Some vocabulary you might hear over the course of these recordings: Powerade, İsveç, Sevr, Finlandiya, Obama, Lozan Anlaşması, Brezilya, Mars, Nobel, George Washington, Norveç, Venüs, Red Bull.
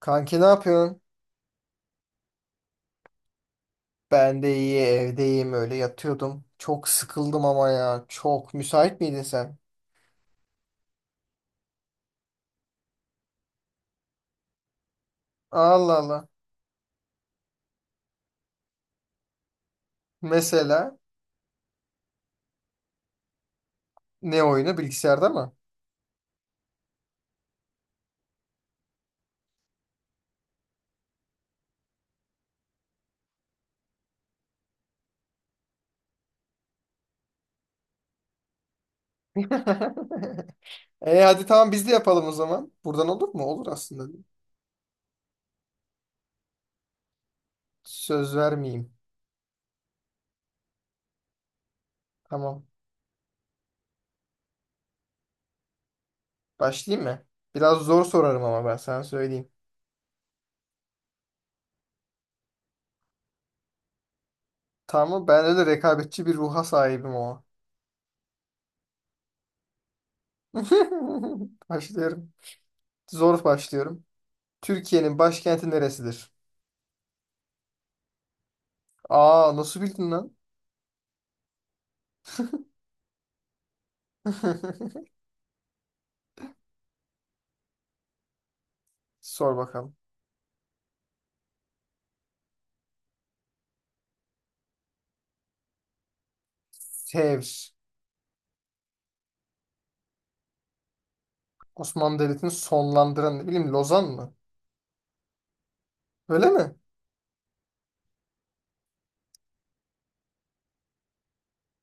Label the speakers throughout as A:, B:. A: Kanki ne yapıyorsun? Ben de iyi evdeyim öyle yatıyordum. Çok sıkıldım ama ya. Çok müsait miydin sen? Allah Allah. Mesela ne oyunu bilgisayarda mı? E hadi tamam biz de yapalım o zaman. Buradan olur mu? Olur aslında. Söz vermeyeyim. Tamam. Başlayayım mı? Biraz zor sorarım ama ben sana söyleyeyim. Tamam ben öyle rekabetçi bir ruha sahibim o. Başlıyorum. Zor başlıyorum. Türkiye'nin başkenti neresidir? Aa nasıl bildin lan? Sor bakalım. Sevr. Osmanlı Devleti'ni sonlandıran ne bileyim Lozan mı? Öyle mi?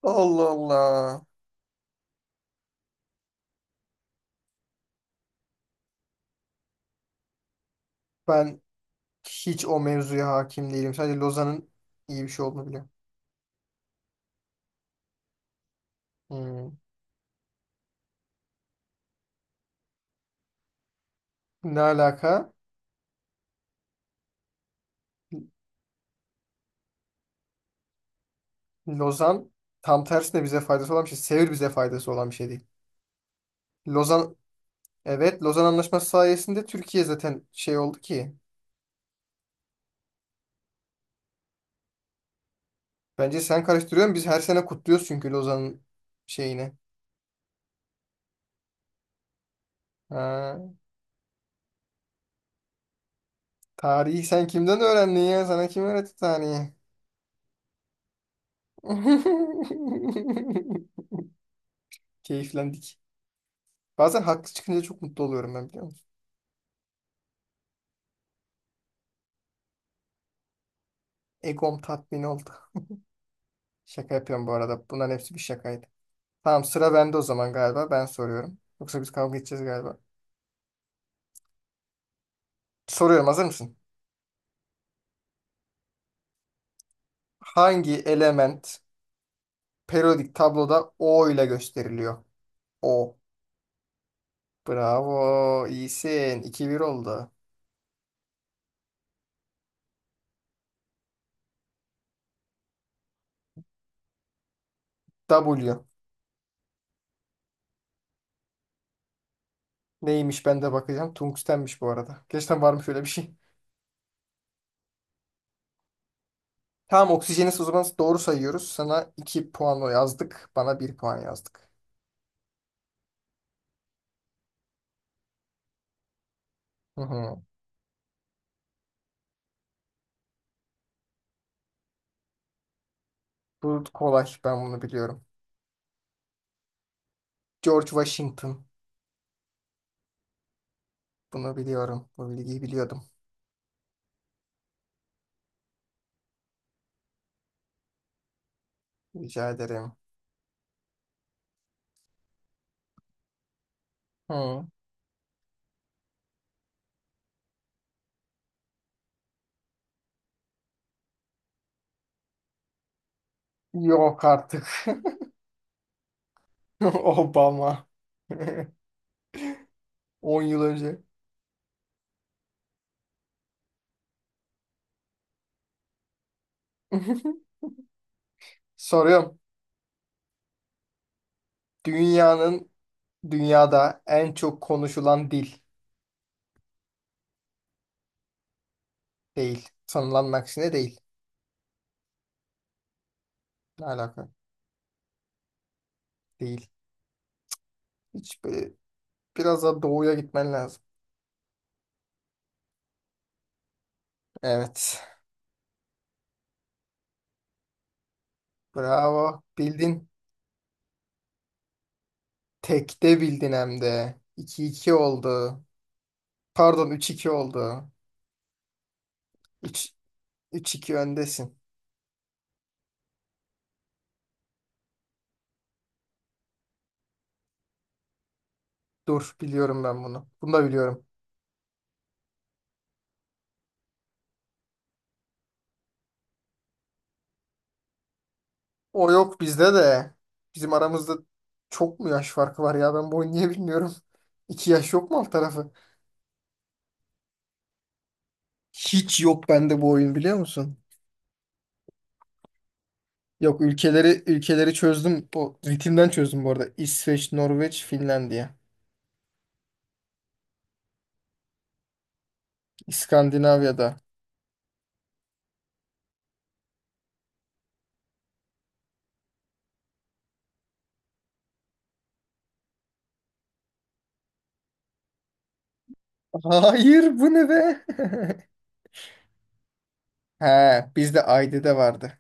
A: Allah Allah. Ben hiç o mevzuya hakim değilim. Sadece Lozan'ın iyi bir şey olduğunu biliyorum. Hmm. Ne alaka? Lozan tam tersine bize faydası olan bir şey. Sevr bize faydası olan bir şey değil. Lozan evet Lozan Anlaşması sayesinde Türkiye zaten şey oldu ki. Bence sen karıştırıyorsun. Biz her sene kutluyoruz çünkü Lozan'ın şeyini. Ha. Tarihi sen kimden öğrendin ya? Sana kim öğretti tarihi? Keyiflendik. Bazen haklı çıkınca çok mutlu oluyorum ben biliyor musun? Egom tatmin oldu. Şaka yapıyorum bu arada. Bunların hepsi bir şakaydı. Tamam, sıra bende o zaman galiba. Ben soruyorum. Yoksa biz kavga edeceğiz galiba. Soruyorum, hazır mısın? Hangi element periyodik tabloda O ile gösteriliyor? O. Bravo. İyisin. 2-1 oldu. W. Neymiş, ben de bakacağım. Tungstenmiş bu arada. Gerçekten varmış öyle bir şey. Tamam, oksijeni o zaman doğru sayıyoruz. Sana 2 puan yazdık. Bana 1 puan yazdık. Hı hı. Bu kolay. Ben bunu biliyorum. George Washington. Bunu biliyorum. Bu bilgiyi biliyordum. Rica ederim. Hı. Yok artık. Obama. 10 yıl önce. Soruyorum. Dünyanın dünyada en çok konuşulan dil değil. Sanılanın aksine değil. Ne alaka? Değil. Hiç böyle biraz daha doğuya gitmen lazım. Evet. Bravo. Bildin. Tekte bildin hem de. 2-2 oldu. Pardon, 3-2 oldu. üç 3-2 öndesin. Dur, biliyorum ben bunu. Bunu da biliyorum. O yok bizde de. Bizim aramızda çok mu yaş farkı var ya? Ben bu oyunu niye bilmiyorum. 2 yaş yok mu alt tarafı? Hiç yok bende bu oyun biliyor musun? Yok, ülkeleri çözdüm. Bu ritimden çözdüm bu arada. İsveç, Norveç, Finlandiya. İskandinavya'da. Hayır, bu ne be? He bizde Ayde'de vardı.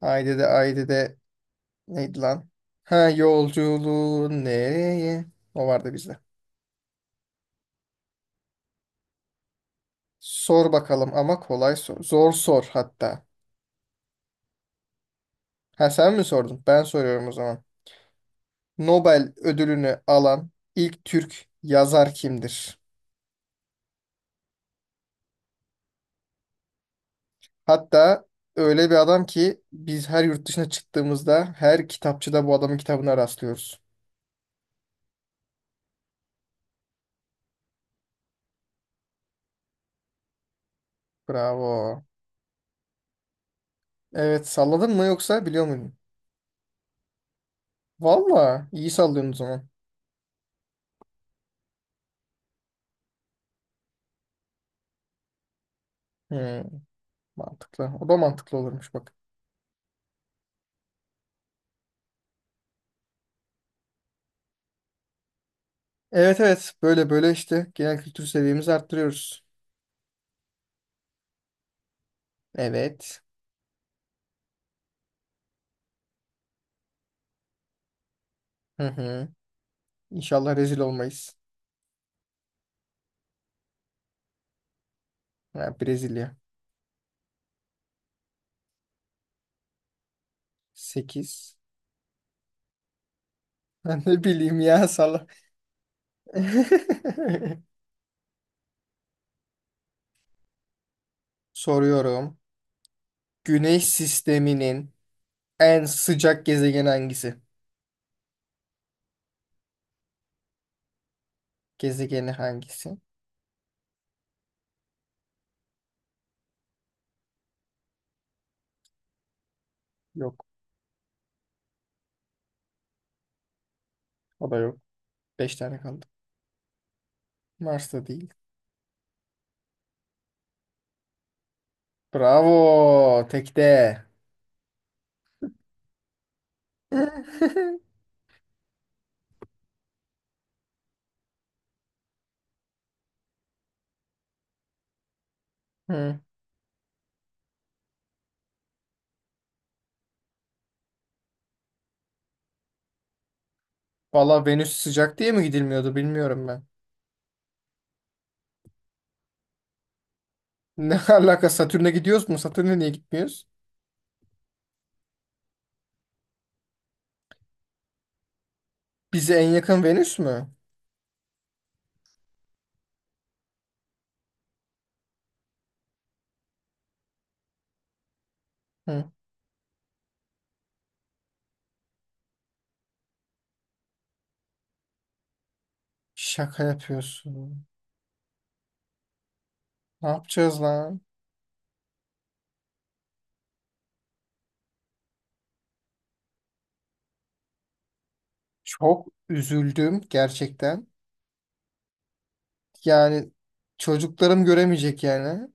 A: Ayde'de neydi lan? Ha, yolculuğun nereye? O vardı bizde. Sor bakalım ama kolay sor. Zor sor hatta. Ha, sen mi sordun? Ben soruyorum o zaman. Nobel ödülünü alan ilk Türk yazar kimdir? Hatta öyle bir adam ki biz her yurt dışına çıktığımızda her kitapçıda bu adamın kitabına rastlıyoruz. Bravo. Evet, salladın mı yoksa biliyor muydun? Valla iyi sallıyorsun o zaman. Hmm. Mantıklı. O da mantıklı olurmuş bak. Evet, evet. Böyle böyle işte genel kültür seviyemizi arttırıyoruz. Evet. Hı hı. İnşallah rezil olmayız. Ha, Brezilya. 8. Ben ne bileyim ya, salla. Soruyorum. Güneş sisteminin en sıcak gezegeni hangisi? Gezegeni hangisi? Yok. O da yok. 5 tane kaldı. Mars da değil. Bravo. Tekte. Hı. Valla Venüs sıcak diye mi gidilmiyordu bilmiyorum ben. Ne alaka, Satürn'e gidiyoruz mu? Satürn'e niye gitmiyoruz? Bize en yakın Venüs mü? Hı. Şaka yapıyorsun. Ne yapacağız lan? Çok üzüldüm gerçekten. Yani çocuklarım göremeyecek yani.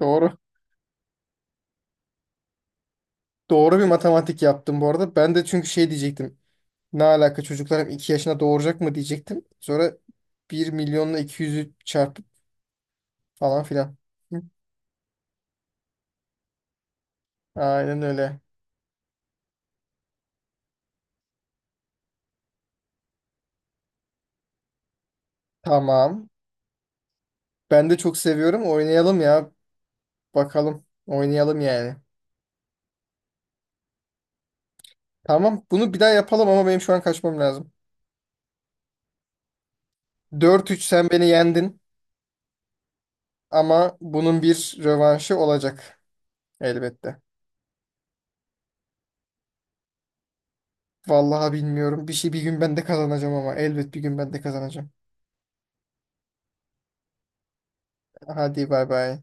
A: Doğru. Doğru bir matematik yaptım bu arada. Ben de çünkü şey diyecektim. Ne alaka, çocuklarım 2 yaşına doğuracak mı diyecektim. Sonra bir milyonla iki yüzü çarpıp falan filan. Hı. Aynen öyle. Tamam. Ben de çok seviyorum. Oynayalım ya. Bakalım. Oynayalım yani. Tamam, bunu bir daha yapalım ama benim şu an kaçmam lazım. 4-3 sen beni yendin ama bunun bir rövanşı olacak elbette. Vallahi bilmiyorum. Bir şey bir gün ben de kazanacağım ama elbet bir gün ben de kazanacağım. Hadi bay bay.